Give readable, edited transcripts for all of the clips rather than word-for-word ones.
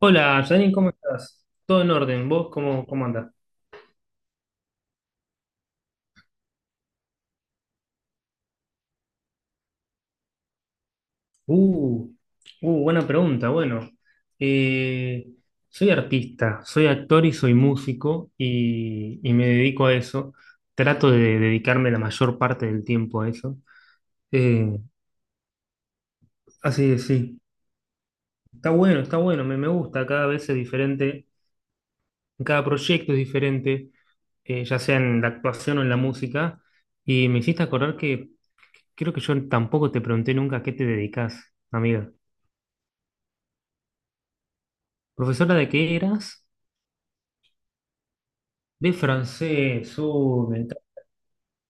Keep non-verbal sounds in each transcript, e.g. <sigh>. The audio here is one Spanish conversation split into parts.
Hola, Janine, ¿cómo estás? ¿Todo en orden? ¿Vos cómo andás? Uh, Buena pregunta. Bueno, eh, soy artista, soy actor y soy músico y me dedico a eso. Trato de dedicarme la mayor parte del tiempo a eso. Eh, Así que sí, está bueno, me gusta. Cada vez es diferente, cada proyecto es diferente, ya sea en la actuación o en la música. Y me hiciste acordar que creo que yo tampoco te pregunté nunca a qué te dedicas, amiga. ¿Profesora de qué eras? De francés. Me encanta,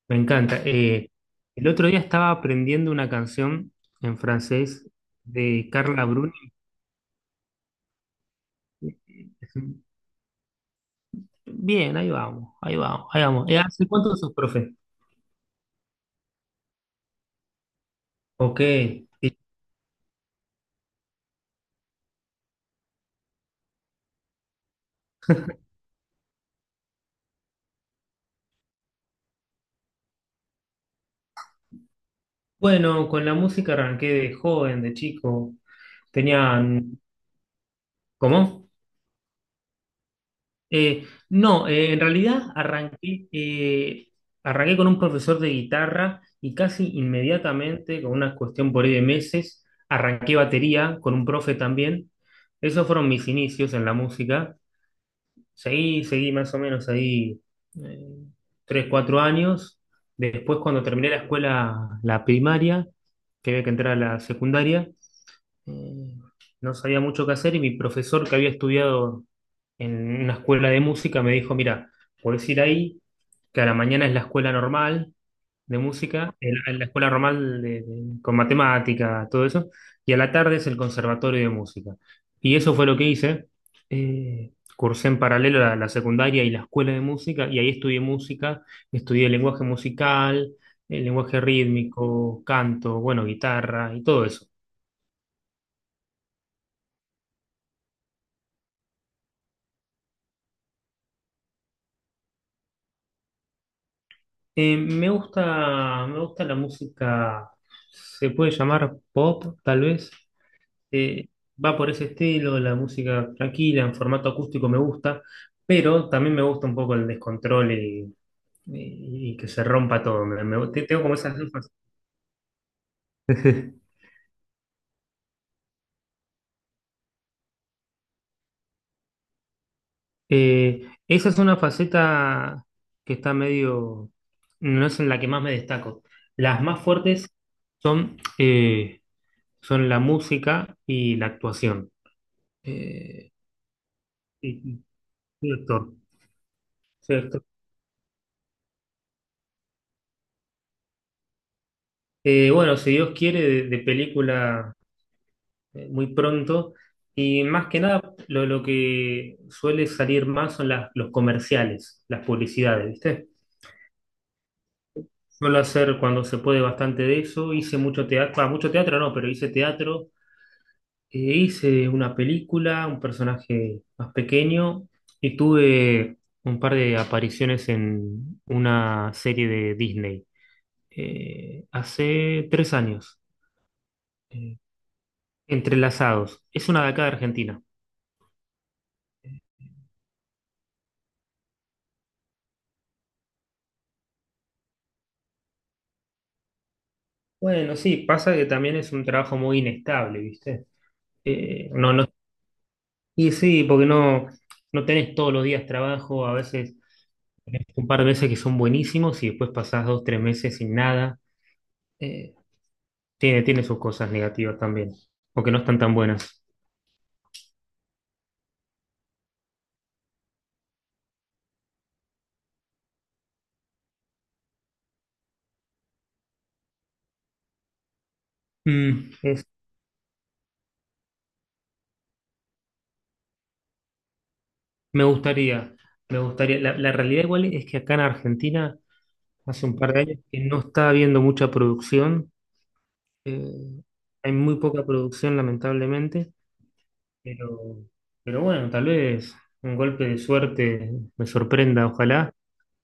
me encanta. El otro día estaba aprendiendo una canción en francés de Carla Bruni. Bien, ahí vamos, ahí vamos, ahí vamos. ¿Hace cuánto sos profe? Ok. Y bueno, con la música arranqué de joven, de chico. Tenían... ¿Cómo? No, arranqué con un profesor de guitarra y casi inmediatamente, con una cuestión por ahí de meses, arranqué batería con un profe también. Esos fueron mis inicios en la música. Seguí más o menos ahí eh, tres, cuatro años. Después, cuando terminé la escuela, la primaria, que había que entrar a la secundaria, eh, no sabía mucho qué hacer y mi profesor que había estudiado en una escuela de música, me dijo, mira, podés ir ahí, que a la mañana es la escuela normal de música, la escuela normal con matemática, todo eso, y a la tarde es el conservatorio de música. Y eso fue lo que hice. eh, cursé en paralelo la secundaria y la escuela de música, y ahí estudié música, estudié lenguaje musical, el lenguaje rítmico, canto, bueno, guitarra y todo eso. Me gusta, me gusta la música, se puede llamar pop, tal vez. Eh, Va por ese estilo, la música tranquila, en formato acústico me gusta, pero también me gusta un poco el descontrol y que se rompa todo. Tengo como esas dos facetas. <laughs> Esa es una faceta que está medio, no es en la que más me destaco. Las más fuertes son, son la música y la actuación. Eh, Sí, sí, soy actor, soy actor. Bueno, si Dios quiere, de película muy pronto. Y más que nada, lo que suele salir más son las, los comerciales, las publicidades, ¿viste? Suelo hacer cuando se puede bastante de eso. Hice mucho teatro no, pero hice teatro. Hice una película, un personaje más pequeño. Y tuve un par de apariciones en una serie de Disney hace tres años. Eh, Entrelazados. Es una de acá de Argentina. Bueno, sí, pasa que también es un trabajo muy inestable, ¿viste? Eh, no, no, y sí, porque no tenés todos los días trabajo, a veces un par de meses que son buenísimos y después pasás dos, tres meses sin nada. Eh, tiene, tiene sus cosas negativas también, o que no están tan buenas. Mm, es- Me gustaría, me gustaría. La realidad igual es que acá en Argentina hace un par de años que no está habiendo mucha producción. Eh, Hay muy poca producción, lamentablemente, pero, pero bueno, tal vez un golpe de suerte me sorprenda, ojalá.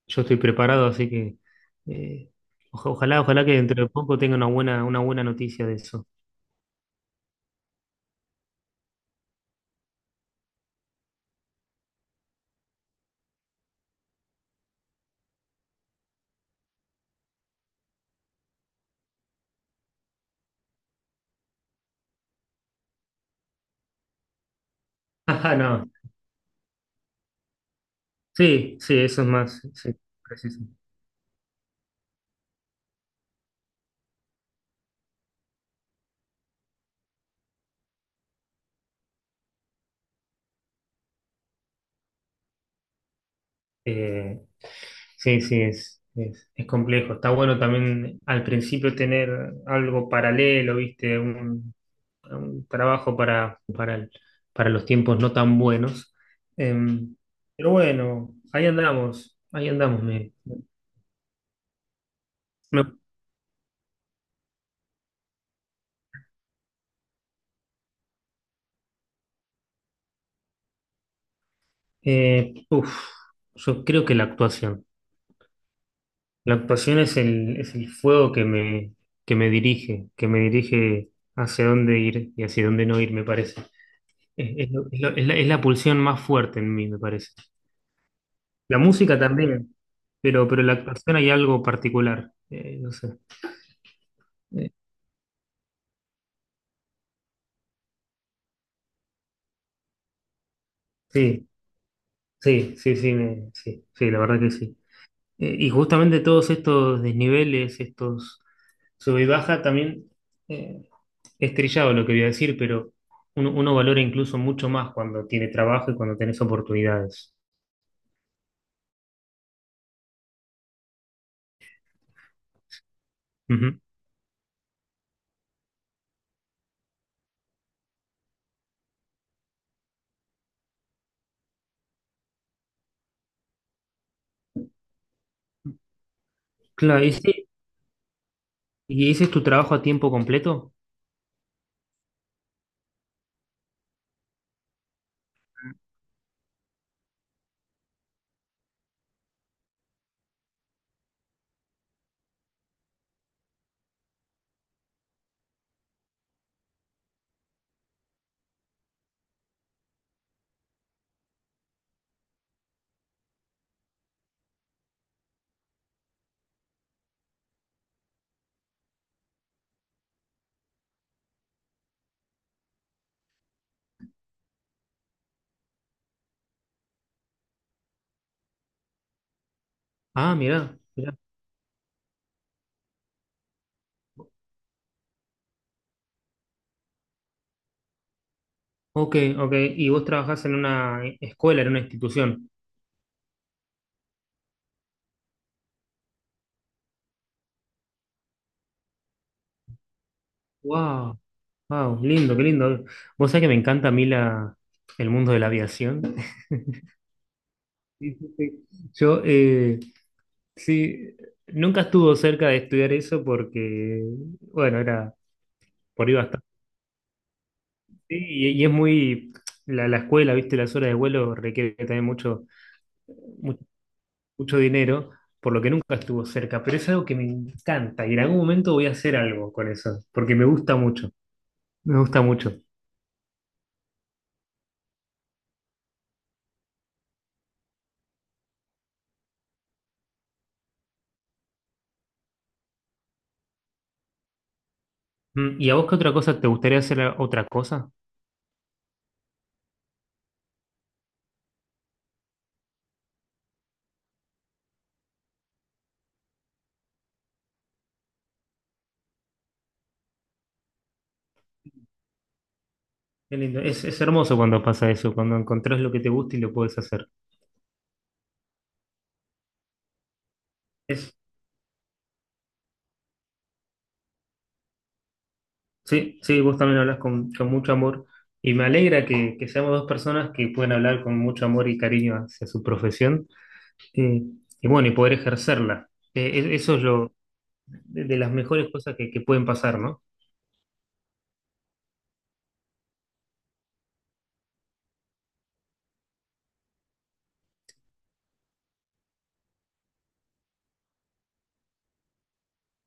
Yo estoy preparado, así que eh, ojalá, ojalá que dentro de poco tenga una buena noticia de eso. <laughs> Ajá, no. Sí, sí, eso es más, sí, preciso. Eh, sí, sí, es complejo. Está bueno también al principio tener algo paralelo, ¿viste? Un trabajo para, para los tiempos no tan buenos. Em, pero bueno, ahí andamos, ahí andamos. Me- Uf, yo creo que la actuación. La actuación es el fuego que me dirige hacia dónde ir y hacia dónde no ir, me parece. Es, es la pulsión más fuerte en mí, me parece. La música también, pero la actuación hay algo particular. Eh, no sé. Eh, Sí. Sí, sí, sí, sí, sí, la verdad que sí. Y justamente todos estos desniveles, estos sube y baja, también eh, es trillado lo que voy a decir, pero uno valora incluso mucho más cuando tiene trabajo y cuando tenés oportunidades. Ujú. Claro, ¿y y ese es tu trabajo a tiempo completo? Ah, mirá, mirá. Ok, ok. Y vos trabajás en una escuela, en una institución. Wow, wow, lindo, qué lindo. Vos sabés que me encanta a mí el mundo de la aviación. Sí, sí, sí. Yo sí, nunca estuvo cerca de estudiar eso porque, bueno, era por ahí bastante. Sí, y es muy, la escuela, viste, las horas de vuelo requiere también mucho, mucho, mucho dinero, por lo que nunca estuvo cerca, pero es algo que me encanta y en algún momento voy a hacer algo con eso, porque me gusta mucho, me gusta mucho. Mm, ¿y a vos qué otra cosa? ¿Te gustaría hacer otra cosa? Qué lindo. Es hermoso cuando pasa eso, cuando encontrás lo que te gusta y lo puedes hacer. Sí, sí, vos también hablas con mucho amor y me alegra que seamos dos personas que pueden hablar con mucho amor y cariño hacia su profesión eh, y bueno, y poder ejercerla. Eso es lo de las mejores cosas que pueden pasar, ¿no?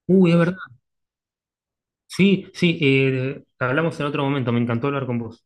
Uy, es verdad. Sí, sí, hablamos en otro momento, me encantó hablar con vos.